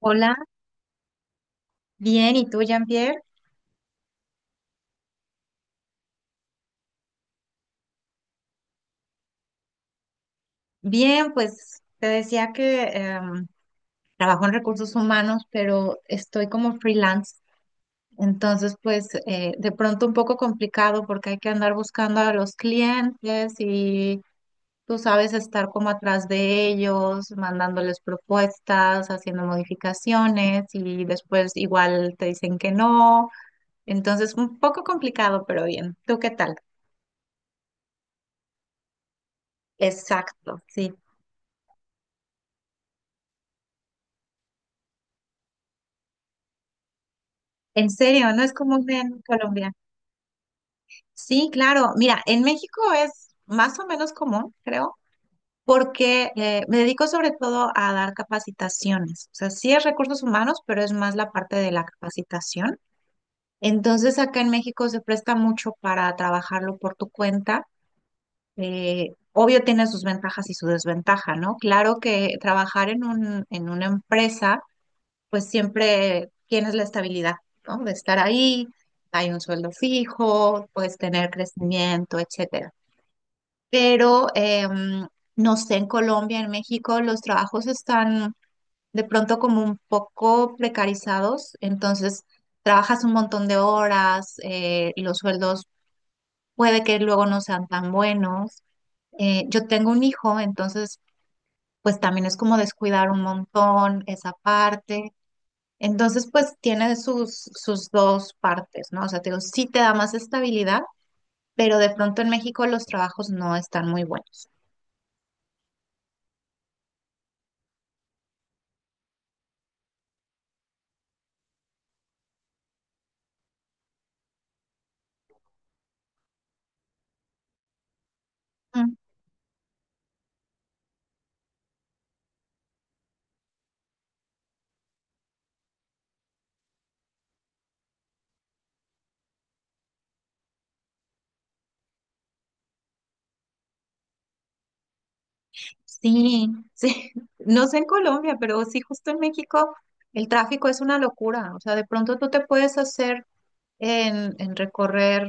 Hola, bien, ¿y tú, Jean-Pierre? Bien, pues te decía que trabajo en recursos humanos, pero estoy como freelance, entonces pues de pronto un poco complicado porque hay que andar buscando a los clientes y tú sabes estar como atrás de ellos, mandándoles propuestas, haciendo modificaciones y después igual te dicen que no, entonces un poco complicado, pero bien. ¿Tú qué tal? Exacto, sí. En serio, no es común en Colombia. Sí, claro. Mira, en México es más o menos común, creo, porque me dedico sobre todo a dar capacitaciones. O sea, sí es recursos humanos, pero es más la parte de la capacitación. Entonces, acá en México se presta mucho para trabajarlo por tu cuenta. Obvio tiene sus ventajas y su desventaja, ¿no? Claro que trabajar en en una empresa pues siempre tienes la estabilidad, ¿no? De estar ahí, hay un sueldo fijo, puedes tener crecimiento, etcétera. Pero no sé, en Colombia, en México, los trabajos están de pronto como un poco precarizados, entonces trabajas un montón de horas, y los sueldos puede que luego no sean tan buenos. Yo tengo un hijo, entonces pues también es como descuidar un montón esa parte. Entonces, pues tiene sus dos partes, ¿no? O sea, te digo, sí te da más estabilidad, pero de pronto en México los trabajos no están muy buenos. Mm. Sí, sí. No sé en Colombia, pero sí, justo en México el tráfico es una locura. O sea, de pronto tú te puedes hacer en recorrer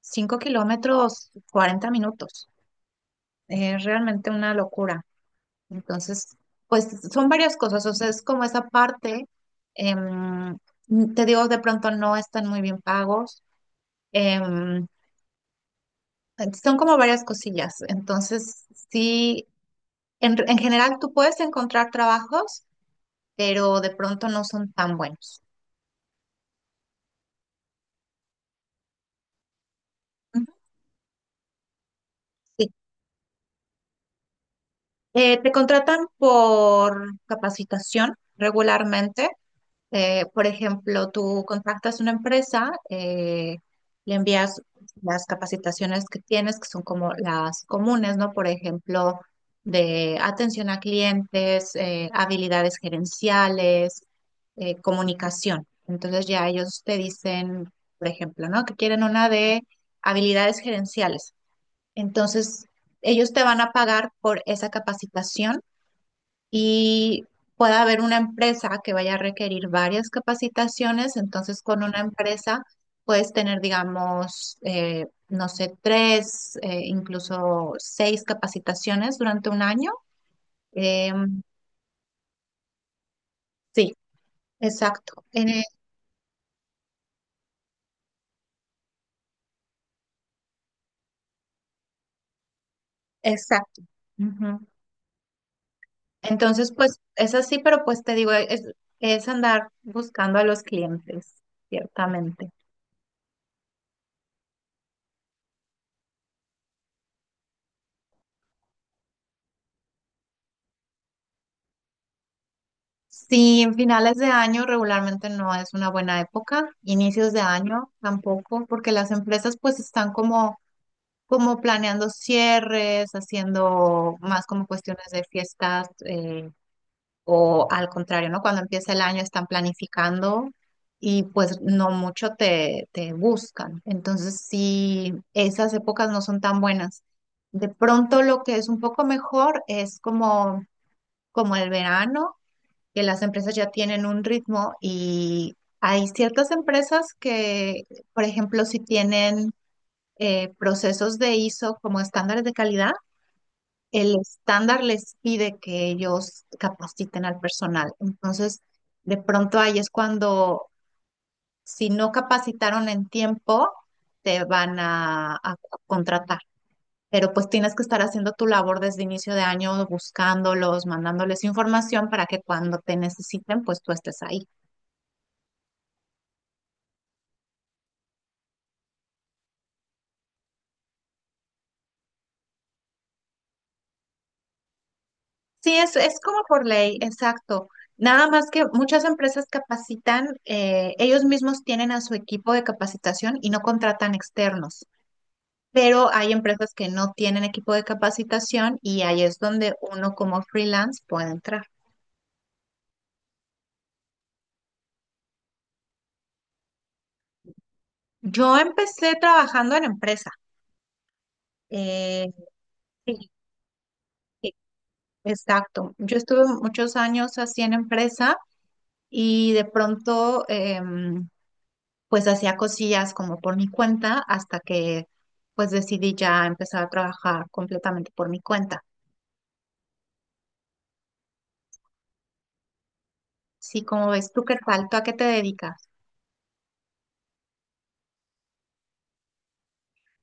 5 kilómetros 40 minutos. Es realmente una locura. Entonces, pues son varias cosas, o sea, es como esa parte, em, te digo, de pronto no están muy bien pagos, em, son como varias cosillas, entonces sí, en general tú puedes encontrar trabajos, pero de pronto no son tan buenos. Ujú. Sí. Te contratan por capacitación regularmente. Por ejemplo, tú contactas una empresa, le envías las capacitaciones que tienes, que son como las comunes, ¿no? Por ejemplo, de atención a clientes, habilidades gerenciales, comunicación. Entonces ya ellos te dicen, por ejemplo, ¿no? Que quieren una de habilidades gerenciales. Entonces, ellos te van a pagar por esa capacitación y pueda haber una empresa que vaya a requerir varias capacitaciones, entonces con una empresa puedes tener, digamos, no sé, tres, incluso seis capacitaciones durante un año. Em, sí, exacto, exacto. Ujú. Entonces, pues es así, pero pues te digo, es andar buscando a los clientes, ciertamente. Sí, en finales de año regularmente no es una buena época, inicios de año tampoco, porque las empresas pues están como, como planeando cierres, haciendo más como cuestiones de fiestas, o al contrario, ¿no? Cuando empieza el año están planificando y pues no mucho te buscan. Entonces sí, esas épocas no son tan buenas. De pronto lo que es un poco mejor es como, como el verano que las empresas ya tienen un ritmo y hay ciertas empresas que, por ejemplo, si tienen procesos de ISO como estándares de calidad, el estándar les pide que ellos capaciten al personal. Entonces, de pronto ahí es cuando, si no capacitaron en tiempo, te van a contratar. Pero pues tienes que estar haciendo tu labor desde inicio de año, buscándolos, mandándoles información para que cuando te necesiten, pues tú estés ahí. Sí, es como por ley, exacto. Nada más que muchas empresas capacitan, ellos mismos tienen a su equipo de capacitación y no contratan externos, pero hay empresas que no tienen equipo de capacitación y ahí es donde uno como freelance puede entrar. Yo empecé trabajando en empresa. eh, sí, sí, exacto. Yo estuve muchos años así en empresa y de pronto pues hacía cosillas como por mi cuenta hasta que pues decidí ya empezar a trabajar completamente por mi cuenta. Sí, como ves, ¿tú qué tal? ¿Tú a qué te dedicas?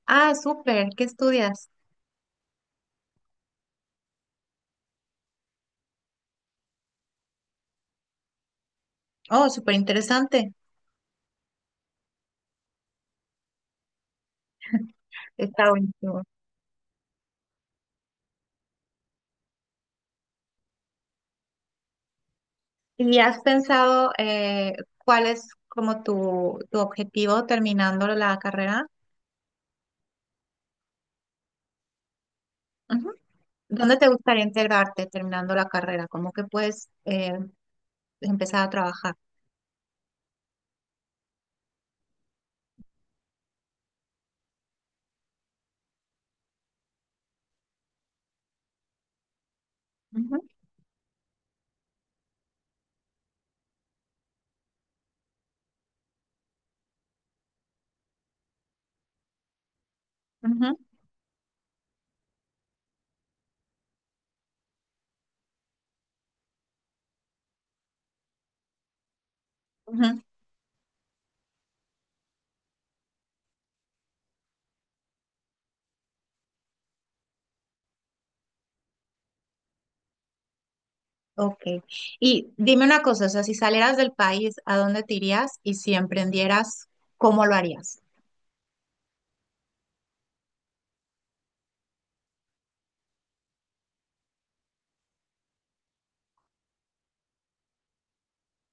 Ah, súper, ¿qué estudias? Oh, súper interesante. Está buenísimo. ¿Y has pensado, cuál es como tu objetivo terminando la carrera? Ujú. ¿Dónde te gustaría integrarte terminando la carrera? ¿Cómo que puedes empezar a trabajar? Ujú, ujú, ujú. Ok. Y dime una cosa, o sea, si salieras del país, ¿a dónde te irías? Y si emprendieras, ¿cómo lo harías?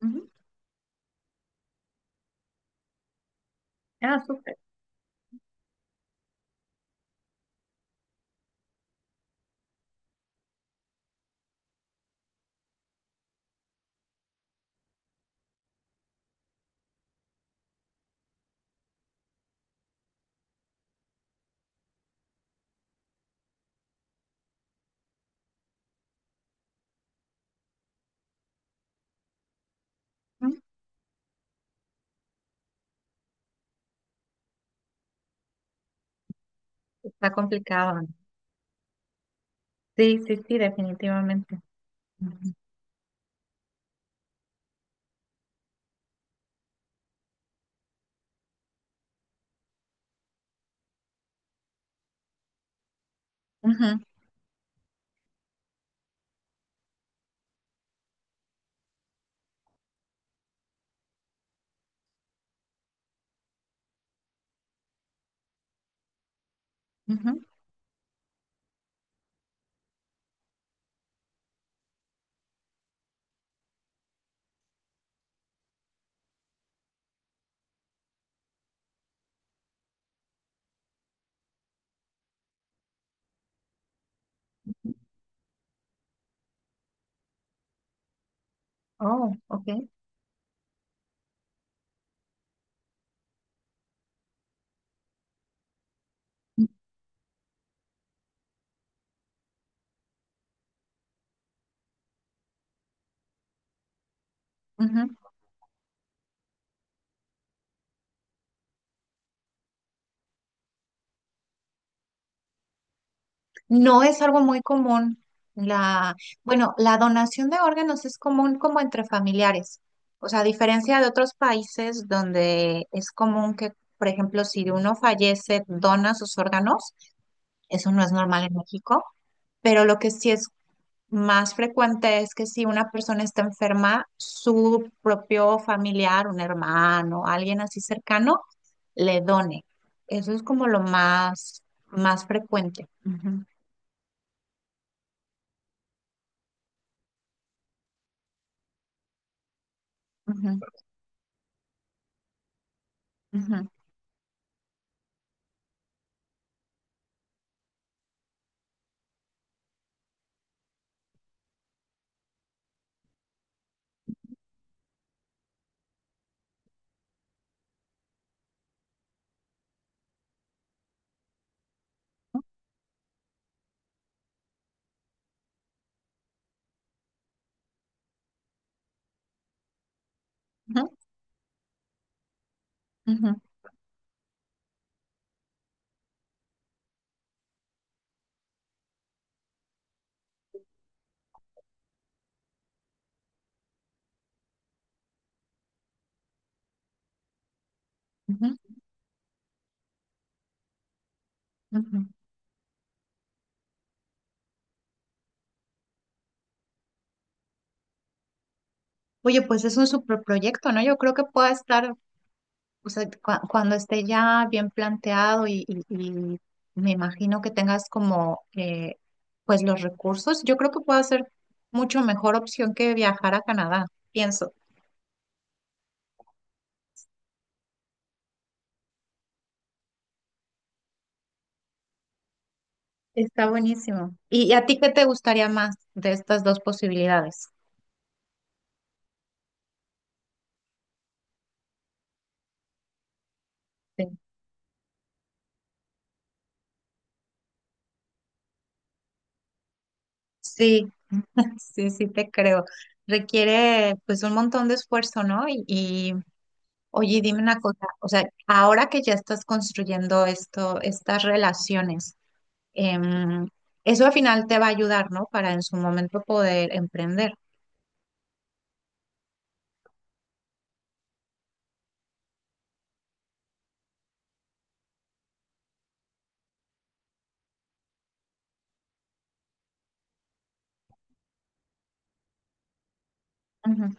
Ujú. Ah, súper. Ujú. Está complicado. Sí, sí, sí, definitivamente. Ujú. Ujú, ujú. Oh, ok. Ujú. No es algo muy común. La, bueno, la donación de órganos es común como entre familiares. O sea, a diferencia de otros países donde es común que, por ejemplo, si uno fallece, dona sus órganos. Eso no es normal en México, pero lo que sí es más frecuente es que si una persona está enferma, su propio familiar, un hermano, alguien así cercano, le done. Eso es como lo más, más frecuente. Ujú, ujú, ujú, ujú, ujú, ujú, ujú. Oye, pues es un super proyecto, ¿no? Yo creo que puede estar. O sea, cuando esté ya bien planteado y me imagino que tengas como, pues los recursos, yo creo que puede ser mucho mejor opción que viajar a Canadá, pienso. Está buenísimo. Y a ti qué te gustaría más de estas dos posibilidades? Sí, sí, sí, sí te creo. Requiere pues un montón de esfuerzo, ¿no? Oye, dime una cosa, o sea, ahora que ya estás construyendo esto, estas relaciones, em, eso al final te va a ayudar, ¿no? Para en su momento poder emprender. Ujú,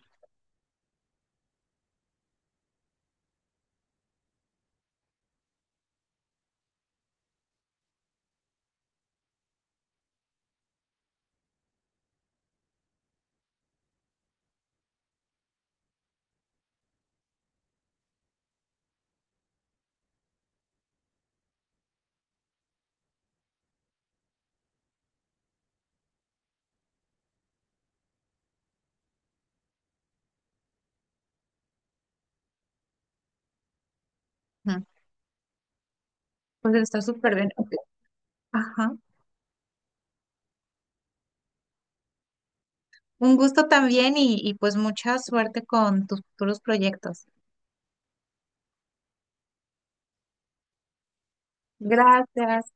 ujú. Pues está súper bien. Ok. Ajá. Un gusto también y pues mucha suerte con tus futuros proyectos. Gracias.